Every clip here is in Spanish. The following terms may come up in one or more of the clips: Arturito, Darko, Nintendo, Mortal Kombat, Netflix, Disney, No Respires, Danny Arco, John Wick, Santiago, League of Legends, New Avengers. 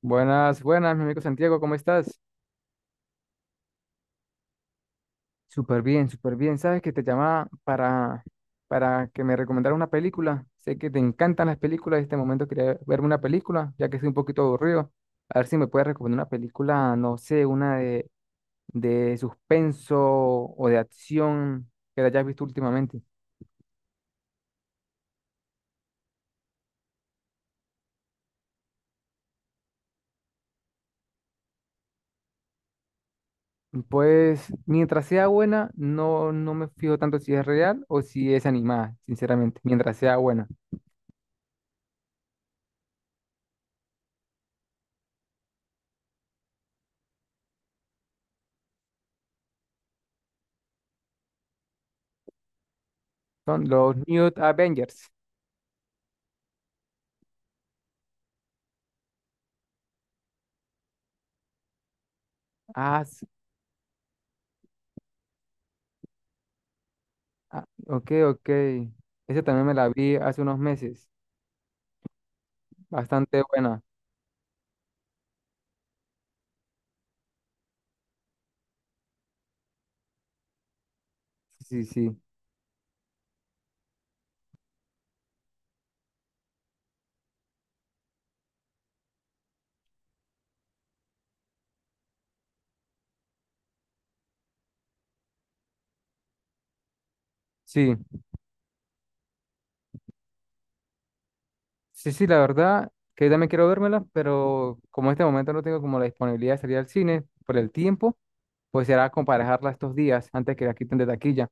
Buenas, buenas, mi amigo Santiago, ¿cómo estás? Súper bien, súper bien. Sabes que te llamaba para que me recomendara una película. Sé que te encantan las películas. En este momento quería verme una película, ya que estoy un poquito aburrido. A ver si me puedes recomendar una película, no sé, una de suspenso o de acción que hayas visto últimamente. Pues mientras sea buena, no, no me fijo tanto si es real o si es animada, sinceramente, mientras sea buena. Son los New Avengers. Ah. Ah, ok, ok. Esa también me la vi hace unos meses. Bastante buena. Sí, sí. Sí, sí, sí, la verdad que yo también quiero vérmela, pero como en este momento no tengo como la disponibilidad de salir al cine por el tiempo, pues será comparejarla estos días antes que la quiten de taquilla.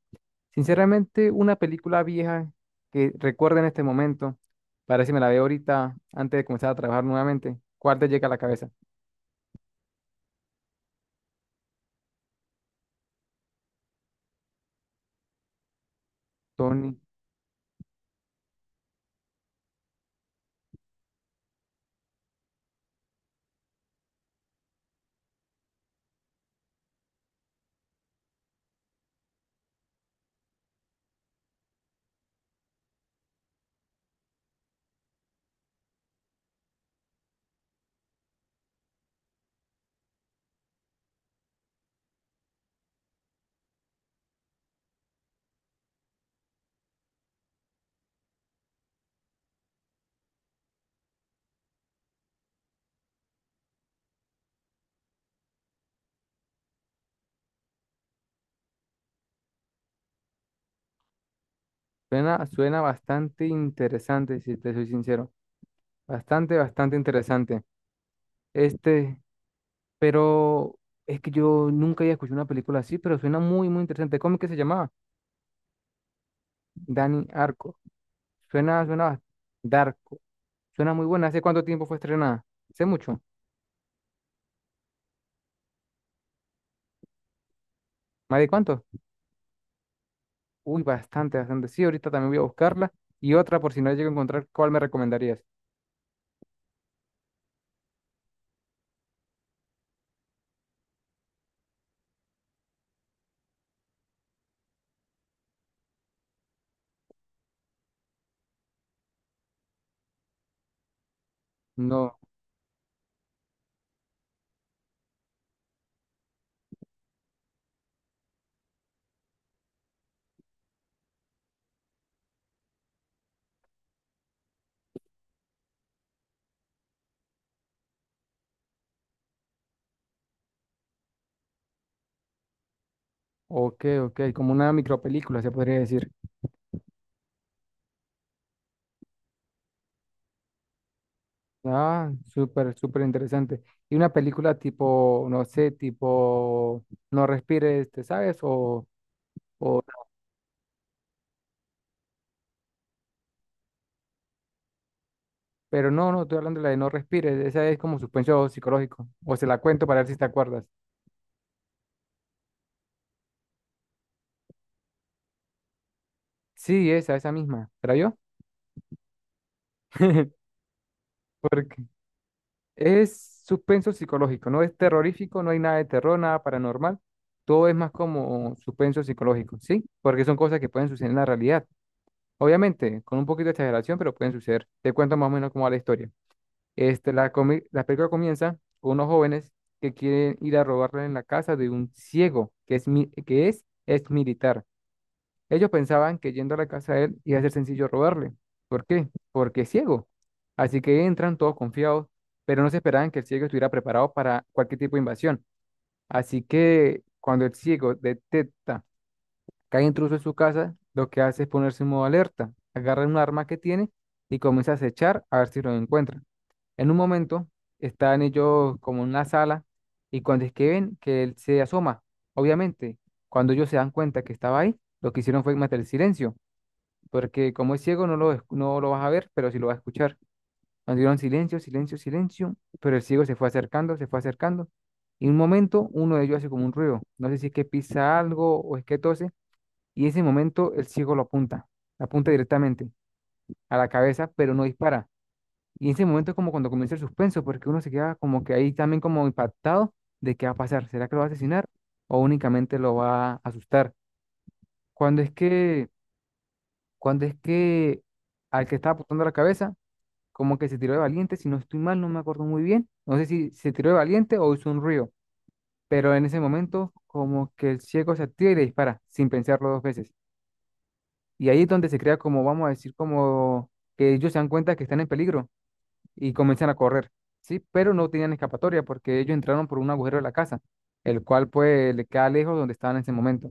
Sinceramente, una película vieja que recuerde en este momento, para ver si me la veo ahorita antes de comenzar a trabajar nuevamente, ¿cuál te llega a la cabeza? Tony, suena, suena bastante interesante, si te soy sincero. Bastante, bastante interesante. Este, pero es que yo nunca había escuchado una película así, pero suena muy, muy interesante. ¿Cómo es que se llamaba? Danny Arco. Suena, suena bas- Darko. Suena muy buena. ¿Hace cuánto tiempo fue estrenada? ¿Hace mucho? ¿Más de cuánto? Uy, bastante, bastante. Sí, ahorita también voy a buscarla. Y otra, por si no llego a encontrar, ¿cuál me recomendarías? No. Ok, ok. Como una micropelícula, se podría decir. Ah, súper, súper interesante. Y una película tipo, no sé, tipo No respires, ¿te sabes? O, pero no, no, estoy hablando de la de No respires. Esa es como suspenso psicológico. O se la cuento para ver si te acuerdas. Sí, esa misma. ¿Era yo? Porque es suspenso psicológico. No es terrorífico, no hay nada de terror, nada paranormal. Todo es más como suspenso psicológico, ¿sí? Porque son cosas que pueden suceder en la realidad. Obviamente, con un poquito de exageración, pero pueden suceder. Te cuento más o menos cómo va la historia. La película comienza con unos jóvenes que quieren ir a robarle en la casa de un ciego que es, que es ex militar. Ellos pensaban que yendo a la casa de él iba a ser sencillo robarle. ¿Por qué? Porque es ciego. Así que entran todos confiados, pero no se esperaban que el ciego estuviera preparado para cualquier tipo de invasión. Así que cuando el ciego detecta que hay intruso en su casa, lo que hace es ponerse en modo alerta, agarra un arma que tiene y comienza a acechar a ver si lo encuentra. En un momento están ellos como en una sala y cuando es que ven que él se asoma, obviamente, cuando ellos se dan cuenta que estaba ahí, lo que hicieron fue matar el silencio, porque como es ciego no lo, no lo vas a ver, pero sí lo vas a escuchar. Cuando dieron silencio, silencio, silencio, pero el ciego se fue acercando, se fue acercando. Y en un momento uno de ellos hace como un ruido, no sé si es que pisa algo o es que tose, y en ese momento el ciego lo apunta directamente a la cabeza, pero no dispara y en ese momento es como cuando comienza el suspenso, porque uno se queda como que ahí también como impactado de qué va a pasar. ¿Será que lo va a asesinar o únicamente lo va a asustar? Cuando es que, cuando es que al que estaba apuntando la cabeza, como que se tiró de valiente, si no estoy mal, no me acuerdo muy bien. No sé si se tiró de valiente o hizo un río, pero en ese momento como que el ciego se activa y le dispara sin pensarlo dos veces. Y ahí es donde se crea como, vamos a decir, como que ellos se dan cuenta que están en peligro y comienzan a correr, ¿sí? Pero no tenían escapatoria porque ellos entraron por un agujero de la casa, el cual pues le queda lejos donde estaban en ese momento.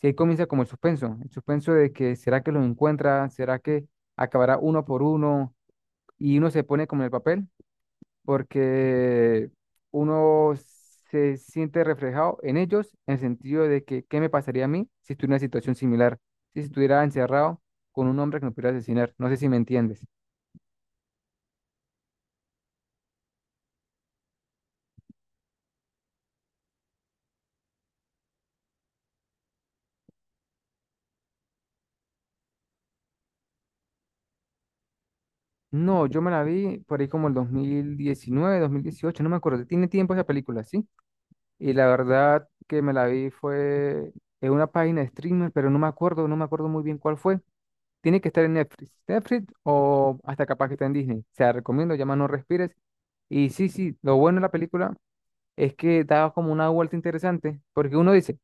Sí, ahí comienza como el suspenso de que será que los encuentra, será que acabará uno por uno y uno se pone como en el papel porque uno se siente reflejado en ellos en el sentido de que qué me pasaría a mí si estuviera en una situación similar, si estuviera encerrado con un hombre que me pudiera asesinar. No sé si me entiendes. No, yo me la vi por ahí como el 2019, 2018, no me acuerdo. Tiene tiempo esa película, ¿sí? Y la verdad que me la vi fue en una página de streamer, pero no me acuerdo, no me acuerdo muy bien cuál fue. Tiene que estar en Netflix. Netflix o hasta capaz que está en Disney. Se la recomiendo, llama No Respires. Y sí, sí, lo bueno de la película es que da como una vuelta interesante, porque uno dice,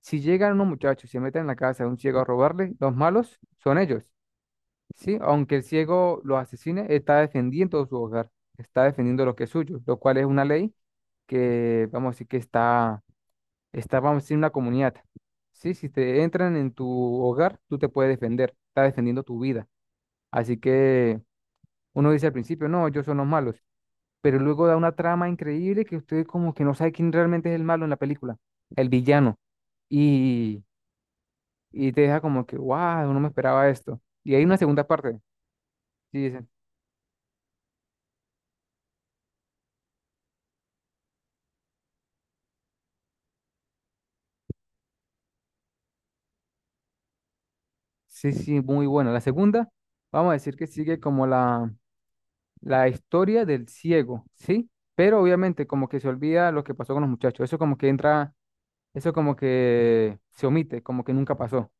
si llegan unos muchachos y se meten en la casa de un ciego a robarle, los malos son ellos. Sí, aunque el ciego lo asesine, está defendiendo su hogar, está defendiendo lo que es suyo, lo cual es una ley que, vamos a decir, que está, está, vamos a decir, en una comunidad. Sí, si te entran en tu hogar, tú te puedes defender, está defendiendo tu vida. Así que uno dice al principio, no, ellos son los malos, pero luego da una trama increíble que usted como que no sabe quién realmente es el malo en la película, el villano, y, y te deja como que, wow, no me esperaba esto. Y hay una segunda parte. Sí. Sí, sí, muy buena. La segunda, vamos a decir que sigue como la historia del ciego, ¿sí? Pero obviamente como que se olvida lo que pasó con los muchachos. Eso como que entra, eso como que se omite, como que nunca pasó.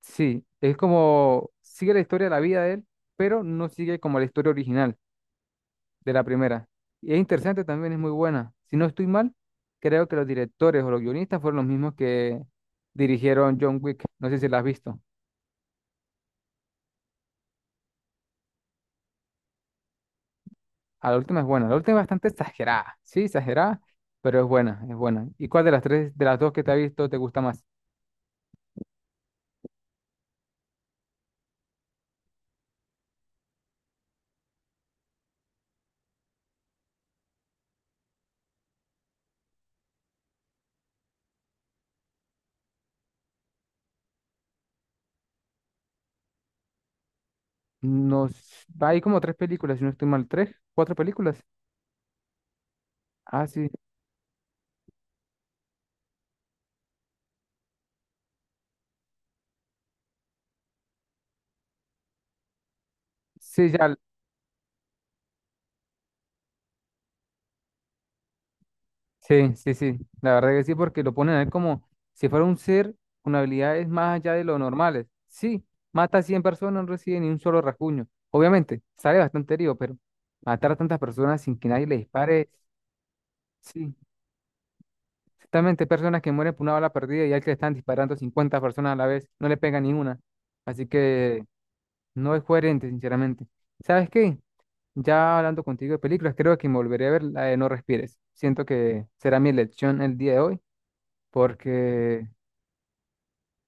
Sí, es como sigue la historia de la vida de él, pero no sigue como la historia original de la primera. Y es interesante también, es muy buena. Si no estoy mal, creo que los directores o los guionistas fueron los mismos que dirigieron John Wick. No sé si la has visto. Ah, la última es buena. La última es bastante exagerada. Sí, exagerada, pero es buena, es buena. ¿Y cuál de las tres, de las dos que te has visto, te gusta más? Nos, hay como tres películas, si no estoy mal, tres, cuatro películas. Ah, sí. Sí, ya. Sí, sí, sí. La verdad que sí, porque lo ponen a él como si fuera un ser con habilidades más allá de lo normales. Sí, mata a 100 personas, no recibe ni un solo rasguño. Obviamente, sale bastante herido, pero matar a tantas personas sin que nadie le dispare, sí. Exactamente, hay personas que mueren por una bala perdida y al que le están disparando 50 personas a la vez, no le pega ninguna. Así que no es coherente, sinceramente. ¿Sabes qué? Ya hablando contigo de películas, creo que me volveré a ver la de No Respires. Siento que será mi elección el día de hoy, porque,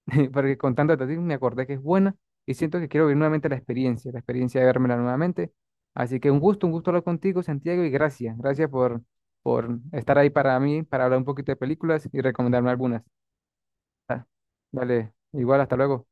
porque contándote a ti me acordé que es buena y siento que quiero vivir nuevamente la experiencia de vérmela nuevamente. Así que un gusto hablar contigo, Santiago, y gracias, gracias por estar ahí para mí, para hablar un poquito de películas y recomendarme algunas. Ah, dale, igual, hasta luego.